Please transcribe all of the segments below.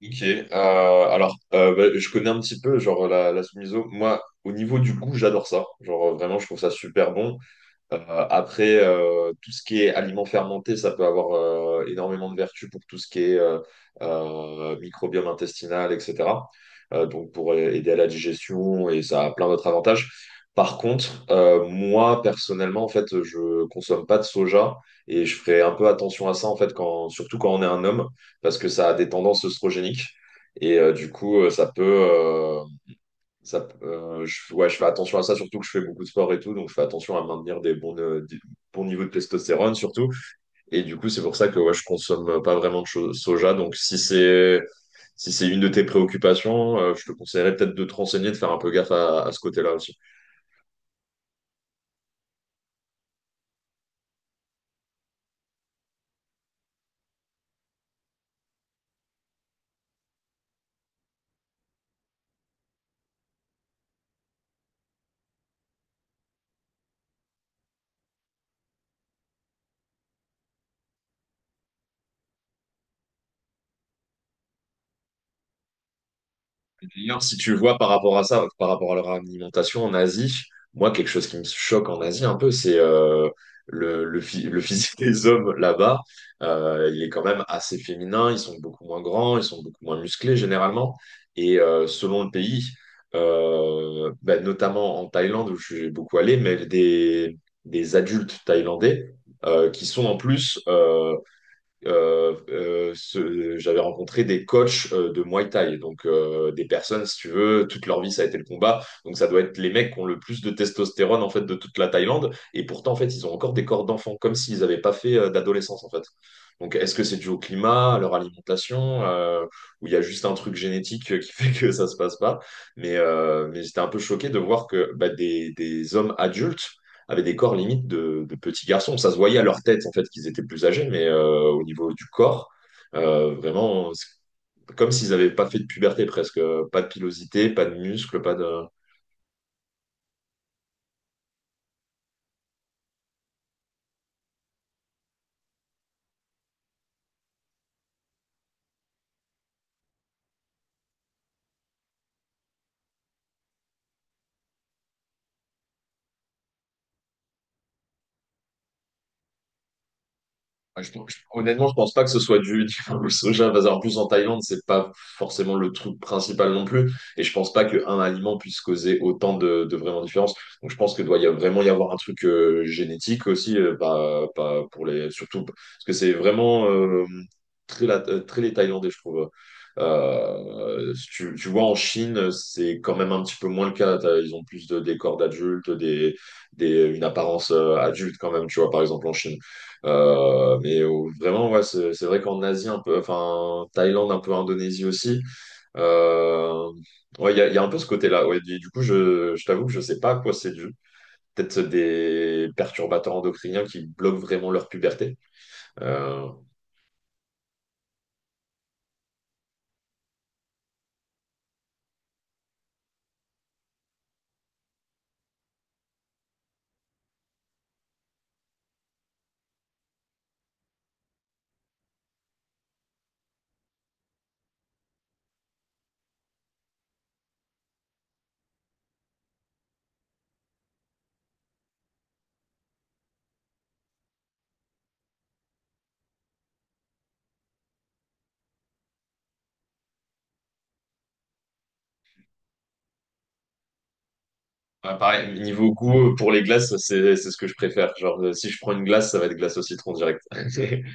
Ok, euh, alors , je connais un petit peu genre la Smiso. Moi, au niveau du goût, j'adore ça. Genre, vraiment, je trouve ça super bon. Tout ce qui est aliments fermentés, ça peut avoir énormément de vertus pour tout ce qui est microbiome intestinal, etc. Donc pour aider à la digestion, et ça a plein d'autres avantages. Par contre, moi personnellement, en fait, je consomme pas de soja et je ferai un peu attention à ça, en fait, surtout quand on est un homme, parce que ça a des tendances œstrogéniques et du coup, ça peut euh, ça, je, ouais, je fais attention à ça, surtout que je fais beaucoup de sport et tout, donc je fais attention à maintenir des bons niveaux de testostérone surtout. Et du coup, c'est pour ça que ouais, je consomme pas vraiment de soja. Donc si c'est une de tes préoccupations, je te conseillerais peut-être de te renseigner, de faire un peu gaffe à ce côté-là aussi. D'ailleurs, si tu vois par rapport à ça, par rapport à leur alimentation en Asie, moi, quelque chose qui me choque en Asie un peu, c'est le physique des hommes là-bas. Il est quand même assez féminin, ils sont beaucoup moins grands, ils sont beaucoup moins musclés généralement. Et selon le pays, notamment en Thaïlande où je suis beaucoup allé, mais des adultes thaïlandais, qui sont en plus... j'avais rencontré des coachs de Muay Thai, donc des personnes, si tu veux, toute leur vie ça a été le combat, donc ça doit être les mecs qui ont le plus de testostérone en fait de toute la Thaïlande, et pourtant en fait ils ont encore des corps d'enfants, comme s'ils n'avaient pas fait d'adolescence en fait. Donc est-ce que c'est dû au climat, à leur alimentation, ou il y a juste un truc génétique, qui fait que ça se passe pas? Mais j'étais un peu choqué de voir que bah, des hommes adultes avaient des corps limite de petits garçons. Ça se voyait à leur tête, en fait, qu'ils étaient plus âgés, mais au niveau du corps, vraiment, c'est comme s'ils n'avaient pas fait de puberté presque. Pas de pilosité, pas de muscles, pas de. Honnêtement, je pense pas que ce soit le soja, parce qu'en plus en Thaïlande, c'est pas forcément le truc principal non plus. Et je pense pas qu'un aliment puisse causer autant de vraiment différence. Donc je pense que vraiment y avoir un truc génétique aussi, pas pour les, surtout parce que c'est vraiment très les Thaïlandais, je trouve. Si tu, tu vois, en Chine, c'est quand même un petit peu moins le cas. Ils ont plus de décors d'adultes, une apparence, adulte quand même, tu vois, par exemple en Chine. Vraiment, ouais, c'est vrai qu'en Asie, un peu, enfin, Thaïlande, un peu Indonésie aussi, euh, ouais, il y a un peu ce côté-là. Ouais, je t'avoue que je sais pas à quoi c'est dû. Peut-être des perturbateurs endocriniens qui bloquent vraiment leur puberté. Euh, ouais, pareil, niveau goût, pour les glaces, c'est ce que je préfère. Genre, si je prends une glace, ça va être glace au citron direct.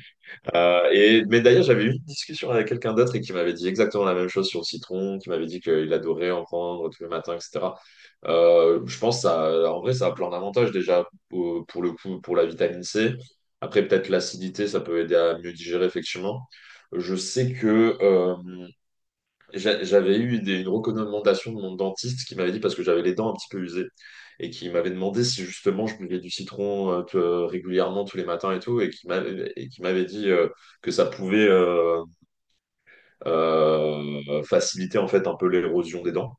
D'ailleurs, j'avais eu une discussion avec quelqu'un d'autre et qui m'avait dit exactement la même chose sur le citron, qui m'avait dit qu'il adorait en prendre tous les matins, etc. Je pense que ça, en vrai, ça a plein d'avantages déjà pour le coup, pour la vitamine C. Après, peut-être l'acidité, ça peut aider à mieux digérer, effectivement. Je sais que J'a- J'avais eu une recommandation de mon dentiste qui m'avait dit, parce que j'avais les dents un petit peu usées, et qui m'avait demandé si justement je buvais du citron régulièrement tous les matins et tout, et qui m'avait dit que ça pouvait faciliter en fait un peu l'érosion des dents.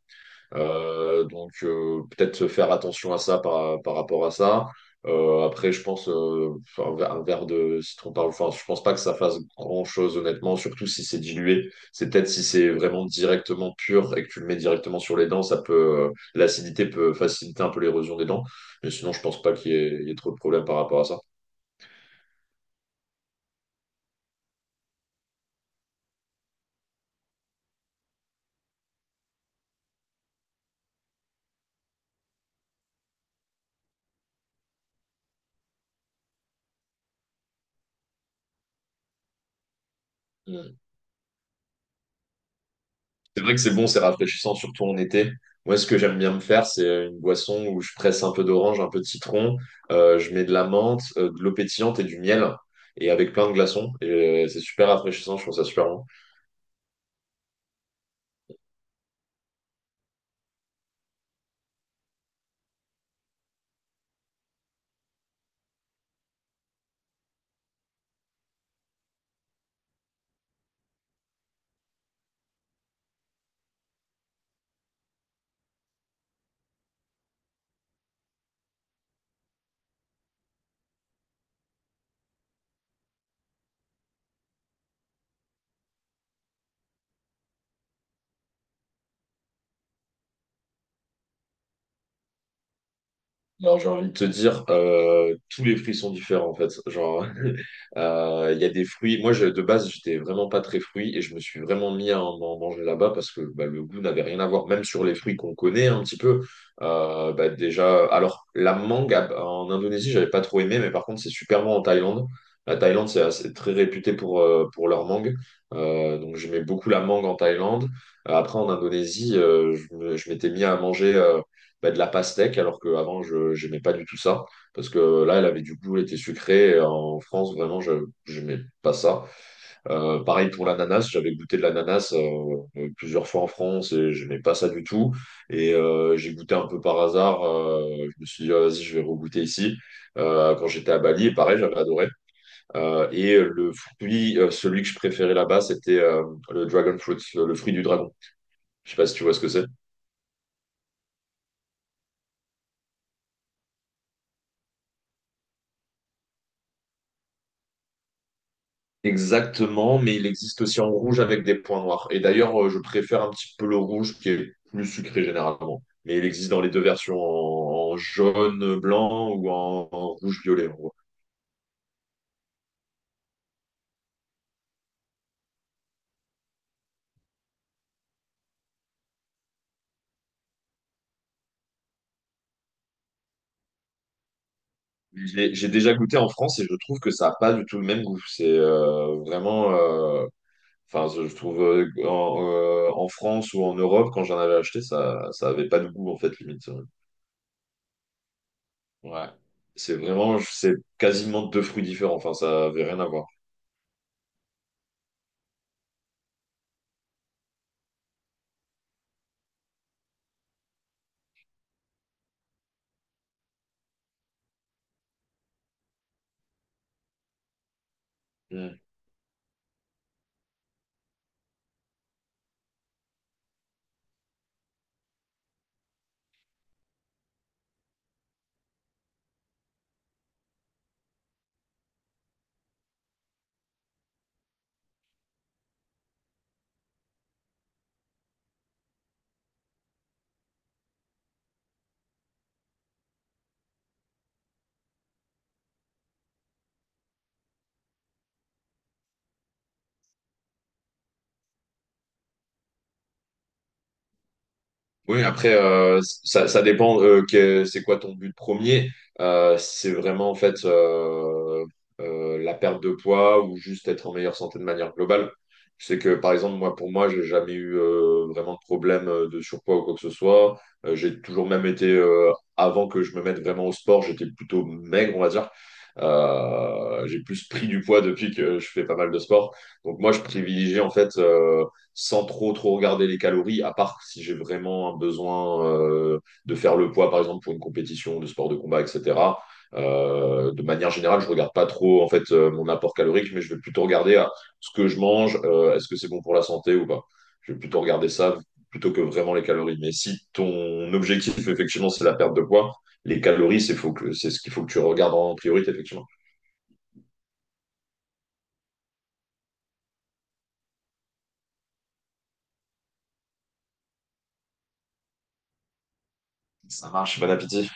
Peut-être se faire attention à ça par rapport à ça. Après, je pense enfin, un, ver- un verre de citron par Enfin, je pense pas que ça fasse grand-chose honnêtement, surtout si c'est dilué. C'est peut-être si c'est vraiment directement pur et que tu le mets directement sur les dents, ça peut l'acidité peut faciliter un peu l'érosion des dents. Mais sinon, je pense pas il y ait trop de problèmes par rapport à ça. C'est vrai que c'est bon, c'est rafraîchissant, surtout en été. Moi, ce que j'aime bien me faire, c'est une boisson où je presse un peu d'orange, un peu de citron, je mets de la menthe, de l'eau pétillante et du miel, et avec plein de glaçons. Et c'est super rafraîchissant, je trouve ça super bon. J'ai envie de te dire, tous les fruits sont différents en fait. Genre, il y a des fruits. De base, j'étais vraiment pas très fruit et je me suis vraiment mis à en manger là-bas parce que bah, le goût n'avait rien à voir. Même sur les fruits qu'on connaît un petit peu, bah, déjà. Alors, en Indonésie, j'avais pas trop aimé, mais par contre, c'est super bon en Thaïlande. La Thaïlande, c'est très réputé pour leur mangue. Donc, j'aimais beaucoup la mangue en Thaïlande. En Indonésie, je m'étais mis à manger de la pastèque, alors qu'avant, je n'aimais pas du tout ça. Parce que là, elle avait du goût, elle était sucrée. En France, vraiment, je n'aimais pas ça. Pareil pour l'ananas, j'avais goûté de l'ananas plusieurs fois en France et je n'aimais pas ça du tout. Et j'ai goûté un peu par hasard. Je me suis dit, ah, vas-y, je vais regoûter ici. Quand j'étais à Bali, et pareil, j'avais adoré. Et le fruit, celui que je préférais là-bas, c'était le dragon fruit, le fruit du dragon. Je sais pas si tu vois ce que c'est. Exactement, mais il existe aussi en rouge avec des points noirs. Et d'ailleurs, je préfère un petit peu le rouge qui est plus sucré généralement. Mais il existe dans les deux versions, en jaune, blanc ou en rouge, violet, en gros. J'ai déjà goûté en France et je trouve que ça n'a pas du tout le même goût. C'est je trouve, en France ou en Europe, quand j'en avais acheté, ça avait pas de goût en fait, limite. Ouais. C'est vraiment, c'est quasiment deux fruits différents. Enfin, ça avait rien à voir. Oui, après, ça dépend c'est quoi ton but premier. C'est vraiment en fait La perte de poids ou juste être en meilleure santé de manière globale. C'est que par exemple, moi pour moi, j'ai jamais eu vraiment de problème de surpoids ou quoi que ce soit. J'ai toujours même été, avant que je me mette vraiment au sport, j'étais plutôt maigre, on va dire. J'ai plus pris du poids depuis que je fais pas mal de sport. Donc moi, je privilégie en fait, sans trop regarder les calories, à part si j'ai vraiment un besoin de faire le poids, par exemple pour une compétition de sport de combat, etc. De manière générale, je regarde pas trop en fait mon apport calorique, mais je vais plutôt regarder ce que je mange, est-ce que c'est bon pour la santé ou pas. Je vais plutôt regarder ça plutôt que vraiment les calories. Mais si ton objectif effectivement c'est la perte de poids, les calories c'est ce qu'il faut que tu regardes en priorité effectivement. Ça marche, bon appétit.